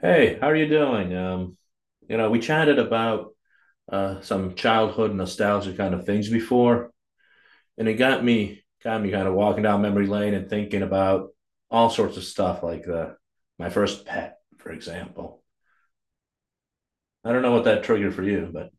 Hey, how are you doing? We chatted about some childhood nostalgia kind of things before, and it got me kind of walking down memory lane and thinking about all sorts of stuff like the my first pet, for example. I don't know what that triggered for you, but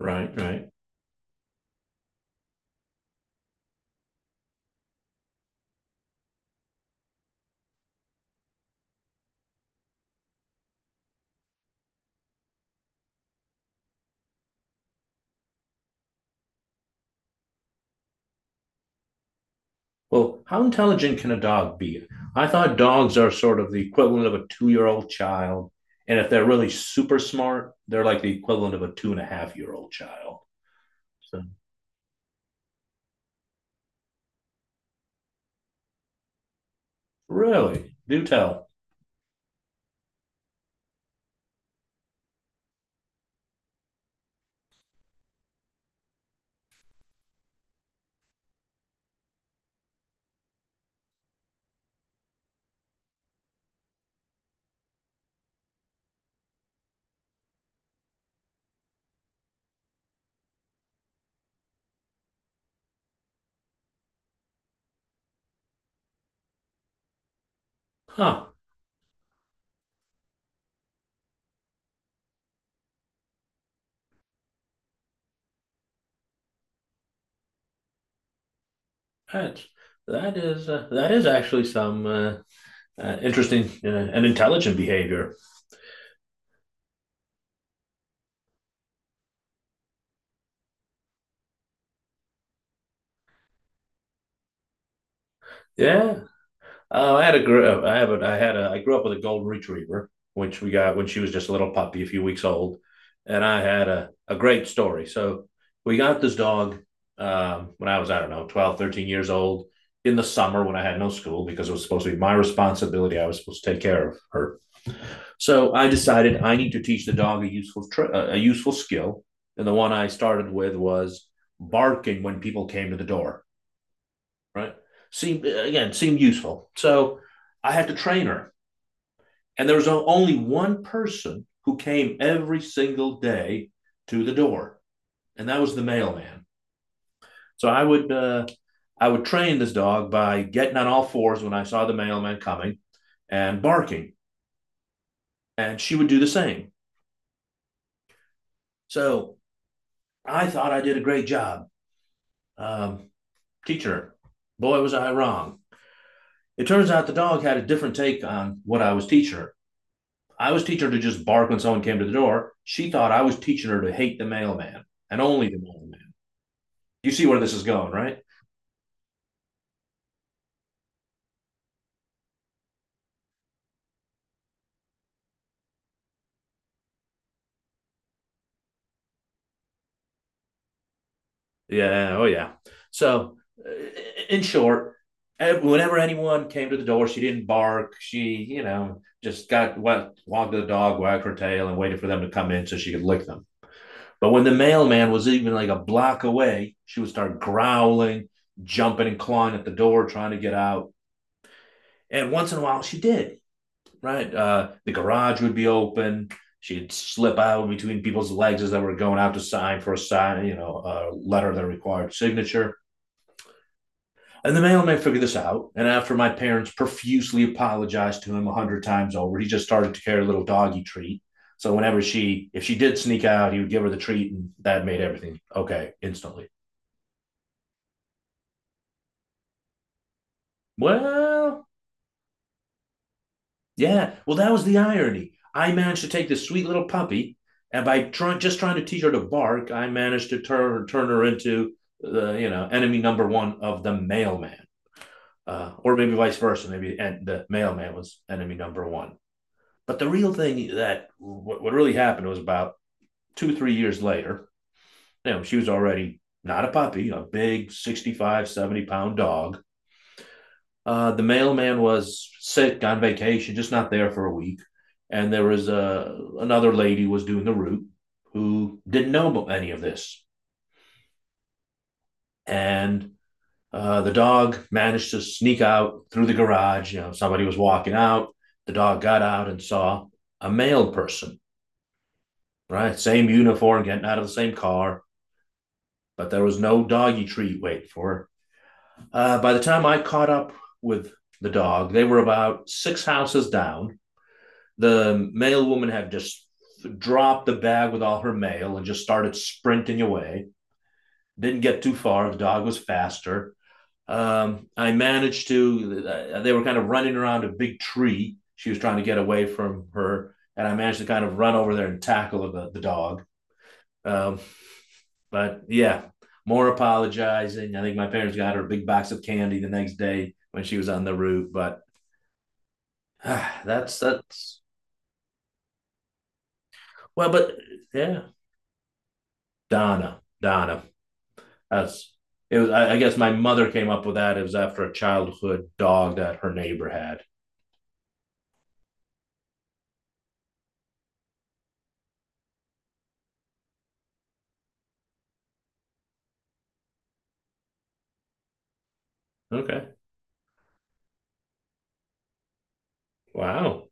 right, right. Well, how intelligent can a dog be? I thought dogs are sort of the equivalent of a 2-year-old child, and if they're really super smart, they're like the equivalent of a 2.5-year-old old child. So, really? Do tell. Huh. That's that is that is actually some interesting and intelligent behavior. Yeah. I have a I had a I grew up with a golden retriever, which we got when she was just a little puppy, a few weeks old, and I had a great story. So we got this dog when I was I don't know 12, 13 years old in the summer when I had no school because it was supposed to be my responsibility. I was supposed to take care of her. So I decided I need to teach the dog a useful skill, and the one I started with was barking when people came to the door. Right? Seemed useful. So I had to train her, and there was only one person who came every single day to the door, and that was the mailman. So I would train this dog by getting on all fours when I saw the mailman coming, and barking, and she would do the same. So I thought I did a great job, um, teacher. Boy, was I wrong. It turns out the dog had a different take on what I was teaching her. I was teaching her to just bark when someone came to the door. She thought I was teaching her to hate the mailman, and only the mailman. You see where this is going, right? Yeah. Oh, yeah. So, uh, in short, whenever anyone came to the door, she didn't bark. She, you know, just got wet, walked to the dog, wagged her tail, and waited for them to come in so she could lick them. But when the mailman was even like a block away, she would start growling, jumping and clawing at the door, trying to get out. And once in a while, she did, right? The garage would be open. She'd slip out between people's legs as they were going out to sign for a sign, you know, a letter that required signature. And the mailman figured this out. And after my parents profusely apologized to him 100 times over, he just started to carry a little doggy treat. So whenever she, if she did sneak out, he would give her the treat, and that made everything okay instantly. Well, yeah. Well, that was the irony. I managed to take this sweet little puppy, and by trying to teach her to bark, I managed to turn her into the enemy number one of the mailman, or maybe vice versa. Maybe and the mailman was enemy number one. But the real thing that what really happened was about 2-3 years later. You know, she was already not a puppy, a big 65-pound dog. The mailman was sick on vacation, just not there for a week. And there was a another lady was doing the route who didn't know any of this. And the dog managed to sneak out through the garage. You know, somebody was walking out. The dog got out and saw a male person, right? Same uniform, getting out of the same car, but there was no doggy treat wait for her. By the time I caught up with the dog, they were about six houses down. The mail woman had just dropped the bag with all her mail and just started sprinting away. Didn't get too far. The dog was faster. I managed to, they were kind of running around a big tree. She was trying to get away from her. And I managed to kind of run over there and tackle the dog. Um, but yeah, more apologizing. I think my parents got her a big box of candy the next day when she was on the route. But uh, that's, that's, well, but yeah, Donna, Donna, as it was. I guess my mother came up with that. It was after a childhood dog that her neighbor had. Okay. Wow.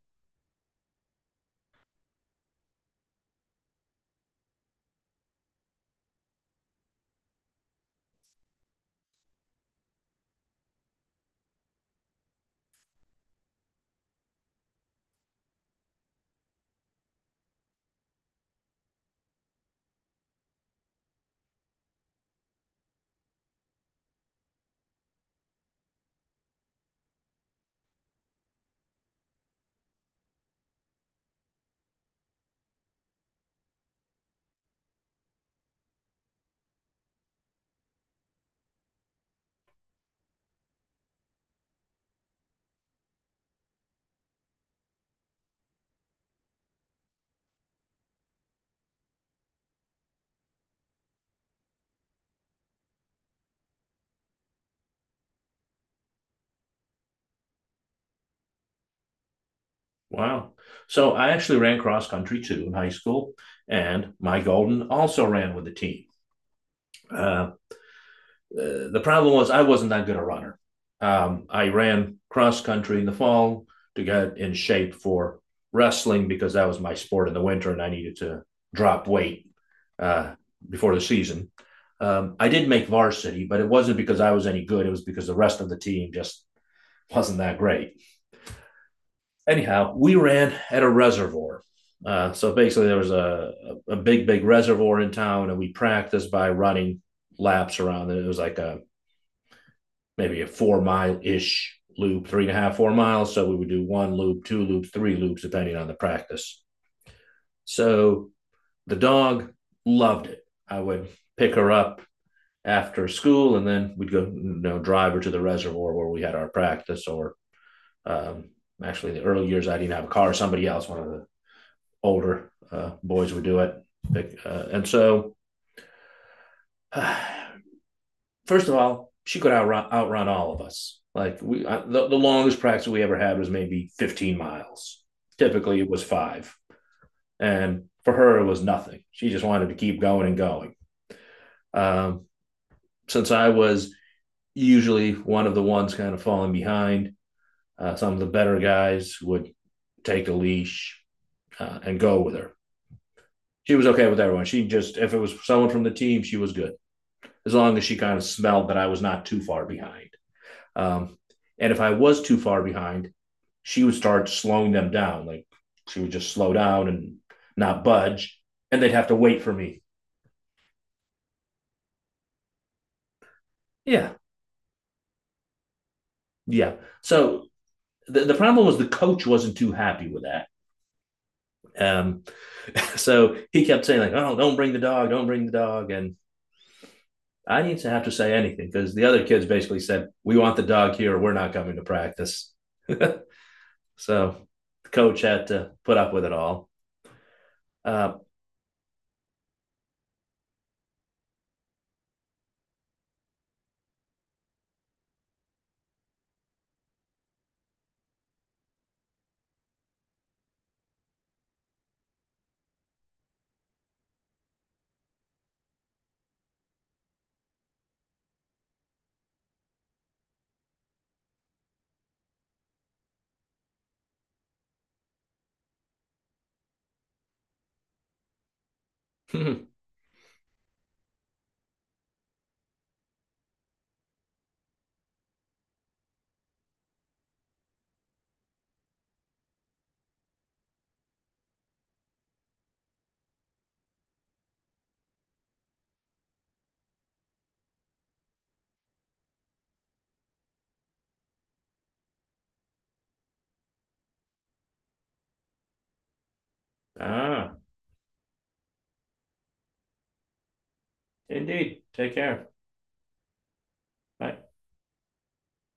Wow. So I actually ran cross country too in high school, and my golden also ran with the team. Um, the problem was I wasn't that good a runner. I ran cross country in the fall to get in shape for wrestling because that was my sport in the winter and I needed to drop weight uh, before the season. I did make varsity, but it wasn't because I was any good. It was because the rest of the team just wasn't that great. Anyhow, we ran at a reservoir. So basically, there was a big, big reservoir in town, and we practiced by running laps around it. It was like a maybe a 4-mile ish loop, three and a half, 4 miles. So we would do one loop, two loops, three loops, depending on the practice. So the dog loved it. I would pick her up after school and then we'd go, you know, drive her to the reservoir where we had our practice. Or um, actually, the early years, I didn't have a car. Somebody else, one of the older boys would do it. Pick, and so Uh, First of all, she could outrun all of us. Like the longest practice we ever had was maybe 15 miles. Typically, it was five, and for her, it was nothing. She just wanted to keep going and going. Um, since I was usually one of the ones kind of falling behind, some of the better guys would take a leash and go with her. She was okay with everyone. She just, if it was someone from the team, she was good as long as she kind of smelled that I was not too far behind. Um, and if I was too far behind, she would start slowing them down. Like she would just slow down and not budge, and they'd have to wait for me. Yeah, yeah. So the problem was the coach wasn't too happy with that. Um, so he kept saying like, "Oh, don't bring the dog, don't bring the dog," and I didn't have to say anything because the other kids basically said, "We want the dog here. We're not coming to practice." So the coach had to put up with it all. Uh, ah, indeed. Take care. Bye.